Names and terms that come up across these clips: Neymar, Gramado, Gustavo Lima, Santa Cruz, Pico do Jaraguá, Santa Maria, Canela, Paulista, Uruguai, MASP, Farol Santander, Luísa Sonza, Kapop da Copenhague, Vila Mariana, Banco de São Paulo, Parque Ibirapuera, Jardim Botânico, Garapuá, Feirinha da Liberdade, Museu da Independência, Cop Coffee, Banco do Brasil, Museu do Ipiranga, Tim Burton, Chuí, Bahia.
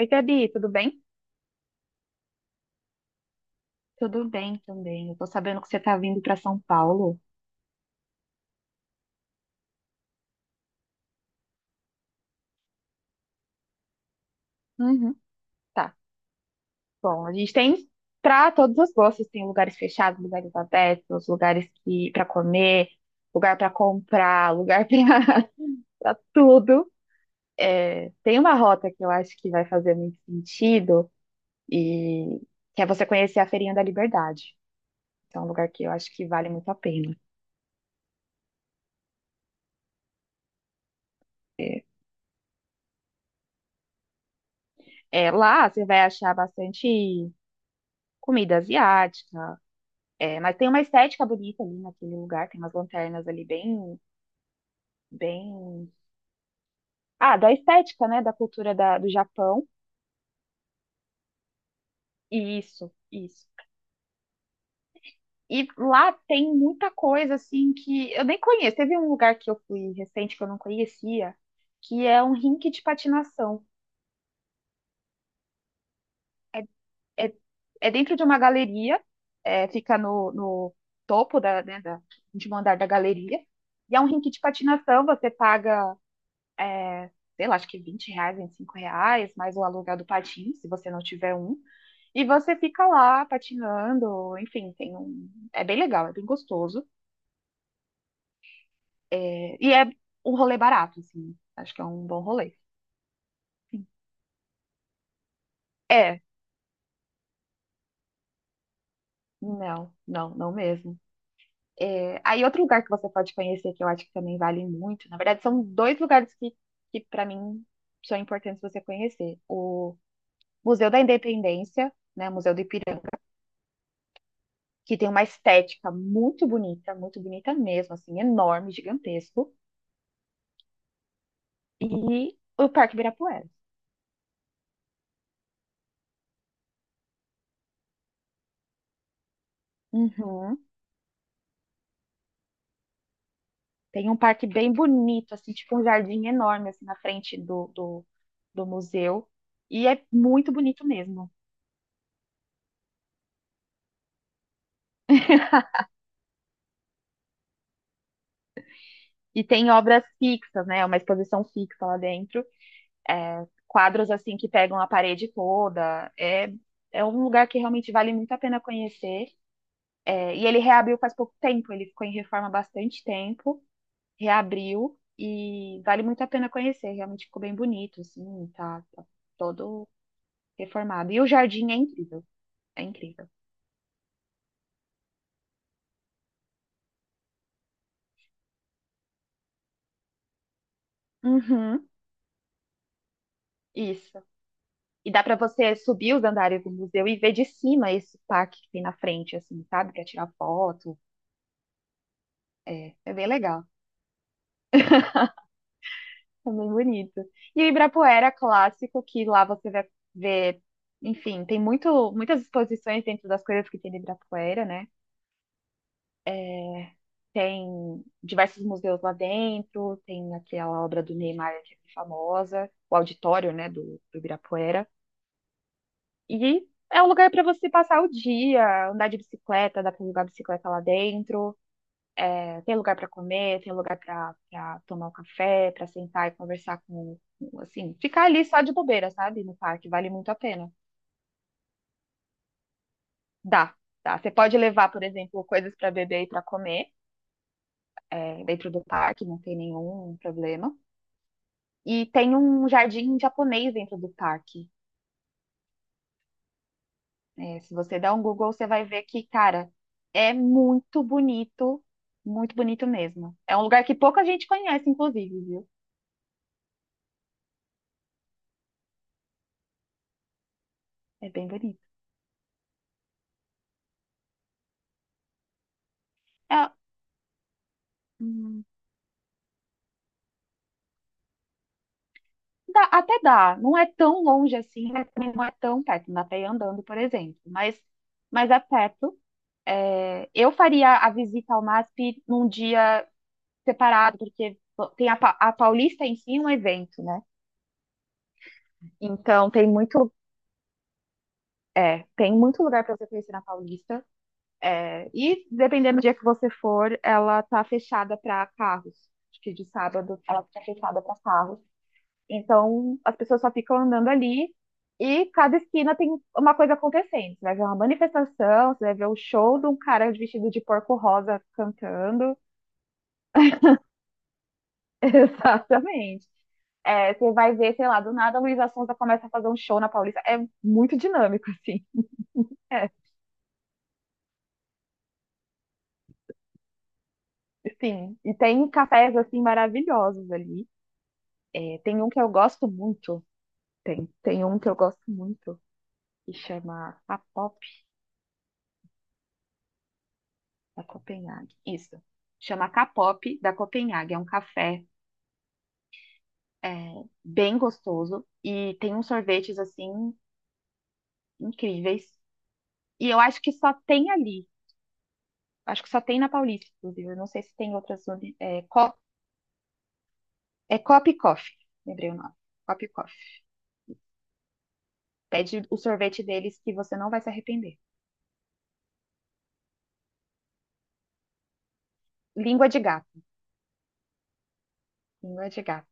Oi, Gabi, tudo bem? Tudo bem também. Eu tô sabendo que você tá vindo pra São Paulo. Uhum. Tá. Bom, a gente tem para todos os gostos, tem lugares fechados, lugares abertos, lugares que para comer, lugar para comprar, lugar para tudo. Tem uma rota que eu acho que vai fazer muito sentido e que é você conhecer a Feirinha da Liberdade. Então, é um lugar que eu acho que vale muito a pena. É, é, lá você vai achar bastante comida asiática. É, mas tem uma estética bonita ali naquele lugar, tem umas lanternas ali bem. Ah, da estética, né? Da cultura do Japão. Isso, isso. E lá tem muita coisa assim que eu nem conheço. Teve um lugar que eu fui recente que eu não conhecia, que é um rink de patinação. É, é, é dentro de uma galeria, é, fica no topo da, de um andar da galeria. E é um rink de patinação, você paga sei lá, acho que R$ 20, R$ 25, mais o aluguel do patins, se você não tiver um. E você fica lá patinando, enfim, tem um. É bem legal, é bem gostoso. É, e é um rolê barato, assim. Acho que é um bom rolê. Sim. É, não, não mesmo. É, aí outro lugar que você pode conhecer, que eu acho que também vale muito, na verdade, são dois lugares que para mim são importantes você conhecer. O Museu da Independência, né? Museu do Ipiranga, que tem uma estética muito bonita mesmo, assim, enorme, gigantesco. E o Parque Ibirapuera. Uhum. Tem um parque bem bonito, assim, tipo um jardim enorme, assim, na frente do museu. E é muito bonito mesmo. E tem obras fixas, né? Uma exposição fixa lá dentro. É, quadros, assim, que pegam a parede toda. É, é um lugar que realmente vale muito a pena conhecer. É, e ele reabriu faz pouco tempo. Ele ficou em reforma há bastante tempo. Reabriu e vale muito a pena conhecer. Realmente ficou bem bonito, assim, tá todo reformado. E o jardim é incrível, é incrível. Uhum, isso. E dá para você subir os andares do museu e ver de cima esse parque que tem na frente, assim, sabe? Quer tirar foto. É, é bem legal, é bem bonito. E o Ibirapuera é clássico, que lá você vai ver, enfim, tem muitas exposições dentro das coisas que tem no Ibirapuera, né? Tem diversos museus lá dentro, tem aquela obra do Neymar que é famosa, o auditório, né, do Ibirapuera. E é um lugar para você passar o dia, andar de bicicleta, dá para alugar bicicleta lá dentro. É, tem lugar para comer, tem lugar para tomar um café, para sentar e conversar com, assim, ficar ali só de bobeira, sabe? No parque, vale muito a pena. Dá, dá. Você pode levar, por exemplo, coisas para beber e para comer, é, dentro do parque, não tem nenhum problema. E tem um jardim japonês dentro do parque. É, se você der um Google, você vai ver que, cara, é muito bonito mesmo. É um lugar que pouca gente conhece, inclusive, viu? É bem bonito. É, hum, até dá, não é tão longe assim, mas também não é tão perto, não dá pra ir andando, por exemplo. Mas é perto. É, eu faria a visita ao MASP num dia separado, porque tem a Paulista em si é um evento, né? Então tem muito. É, tem muito lugar para você conhecer na Paulista. É, e dependendo do dia que você for, ela tá fechada para carros. Acho que de sábado ela fica fechada para carros. Então as pessoas só ficam andando ali e cada esquina tem uma coisa acontecendo. Você vai ver uma manifestação, você vai ver o show de um cara vestido de porco rosa cantando. Exatamente. É, você vai ver, sei lá, do nada a Luísa Sonza começa a fazer um show na Paulista. É muito dinâmico, assim. É. Sim, e tem cafés assim maravilhosos ali. É, tem um que eu gosto muito. Tem, tem um que eu gosto muito que chama Kapop da Copenhague. Isso. Chama Kapop da Copenhague. É um café, é, bem gostoso e tem uns sorvetes assim incríveis. E eu acho que só tem ali. Acho que só tem na Paulista, inclusive. Eu não sei se tem outras. É, é Cop Coffee. Lembrei o nome. Cop Coffee. Pede o sorvete deles que você não vai se arrepender. Língua de gato. Língua de gato.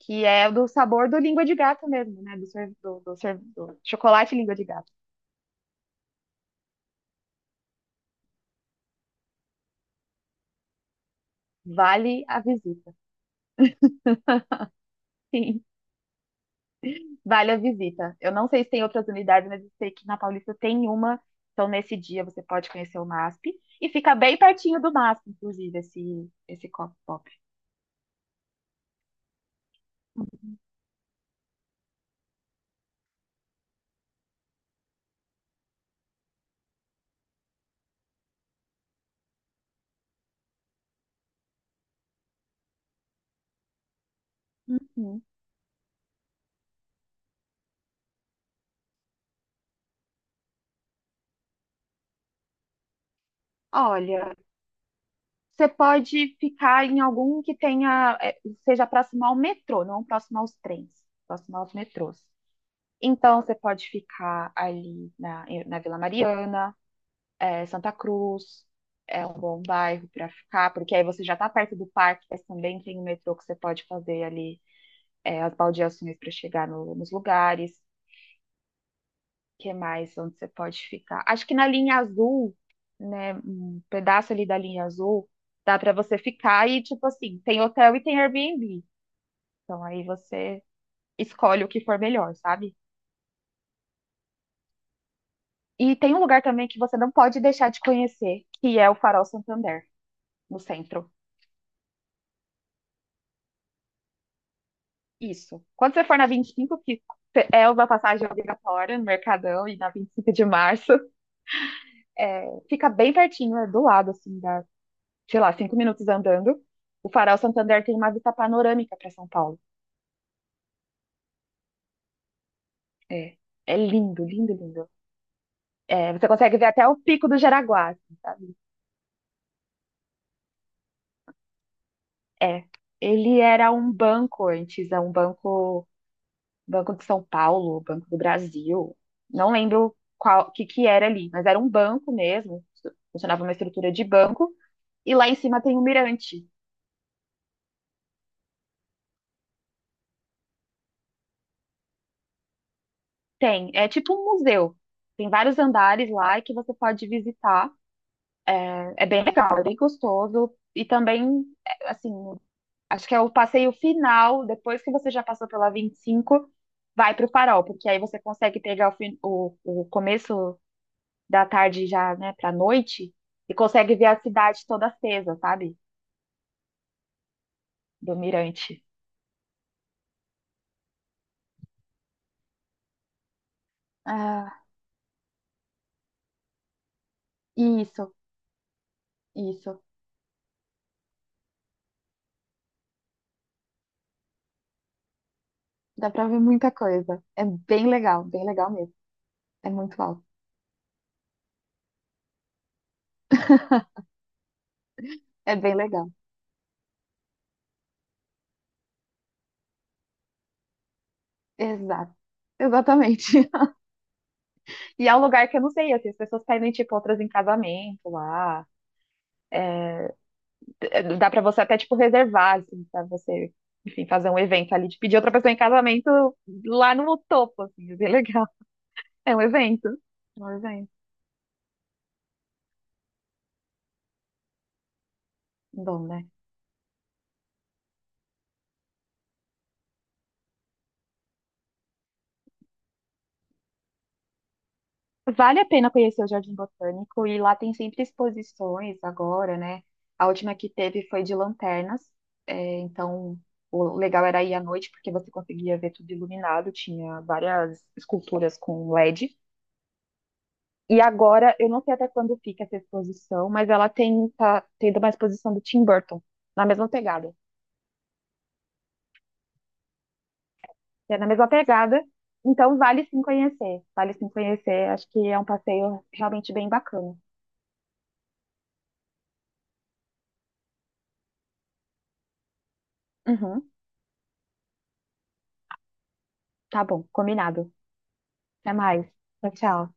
Que é do sabor do língua de gato mesmo, né? Do chocolate língua de gato. Vale a visita. Sim, vale a visita. Eu não sei se tem outras unidades, mas eu sei que na Paulista tem uma. Então, nesse dia, você pode conhecer o MASP. E fica bem pertinho do MASP, inclusive, esse copo pop. Uhum. Olha, você pode ficar em algum que tenha, é, seja próximo ao metrô, não próximo aos trens, próximo aos metrôs. Então, você pode ficar ali na Vila Mariana, Santa Cruz, é um bom bairro para ficar, porque aí você já está perto do parque, mas também tem o metrô que você pode fazer ali, as baldeações para chegar nos lugares. Que mais onde você pode ficar? Acho que na linha azul, né, um pedaço ali da linha azul, dá para você ficar e, tipo assim, tem hotel e tem Airbnb. Então, aí você escolhe o que for melhor, sabe? E tem um lugar também que você não pode deixar de conhecer, que é o Farol Santander, no centro. Isso. Quando você for na 25, que é uma passagem obrigatória no Mercadão e na 25 de março, é, fica bem pertinho, é do lado, assim, dá, sei lá, 5 minutos andando. O Farol Santander tem uma vista panorâmica para São Paulo. É, é lindo, lindo, lindo. É, você consegue ver até o Pico do Jaraguá, assim, sabe? É. Ele era um banco antes, é um banco, Banco de São Paulo, Banco do Brasil, não lembro qual que era ali, mas era um banco mesmo, funcionava uma estrutura de banco e lá em cima tem um mirante. Tem, é tipo um museu. Tem vários andares lá que você pode visitar. É bem legal, é bem gostoso e também é, assim, acho que é o passeio final, depois que você já passou pela 25, vai para o farol, porque aí você consegue pegar o, o começo da tarde já, né, pra noite, e consegue ver a cidade toda acesa, sabe? Do mirante. Ah, isso, isso. Dá pra ver muita coisa. É bem legal mesmo. É muito alto. É bem legal. Exato. Exatamente. E é um lugar que eu não sei, assim, as pessoas pedem, tipo, outras em casamento lá. Dá pra você até, tipo, reservar, assim, pra você, enfim, fazer um evento ali, de pedir outra pessoa em casamento lá no topo, assim, é bem legal. É um evento. É um evento bom, né? Vale a pena conhecer o Jardim Botânico e lá tem sempre exposições agora, né? A última que teve foi de lanternas, é, então o legal era ir à noite porque você conseguia ver tudo iluminado, tinha várias esculturas com LED. E agora, eu não sei até quando fica essa exposição, mas ela tem, tá tendo uma exposição do Tim Burton, na mesma pegada. É na mesma pegada, então vale sim conhecer, acho que é um passeio realmente bem bacana. Uhum, tá bom, combinado. Até mais. Tchau, tchau.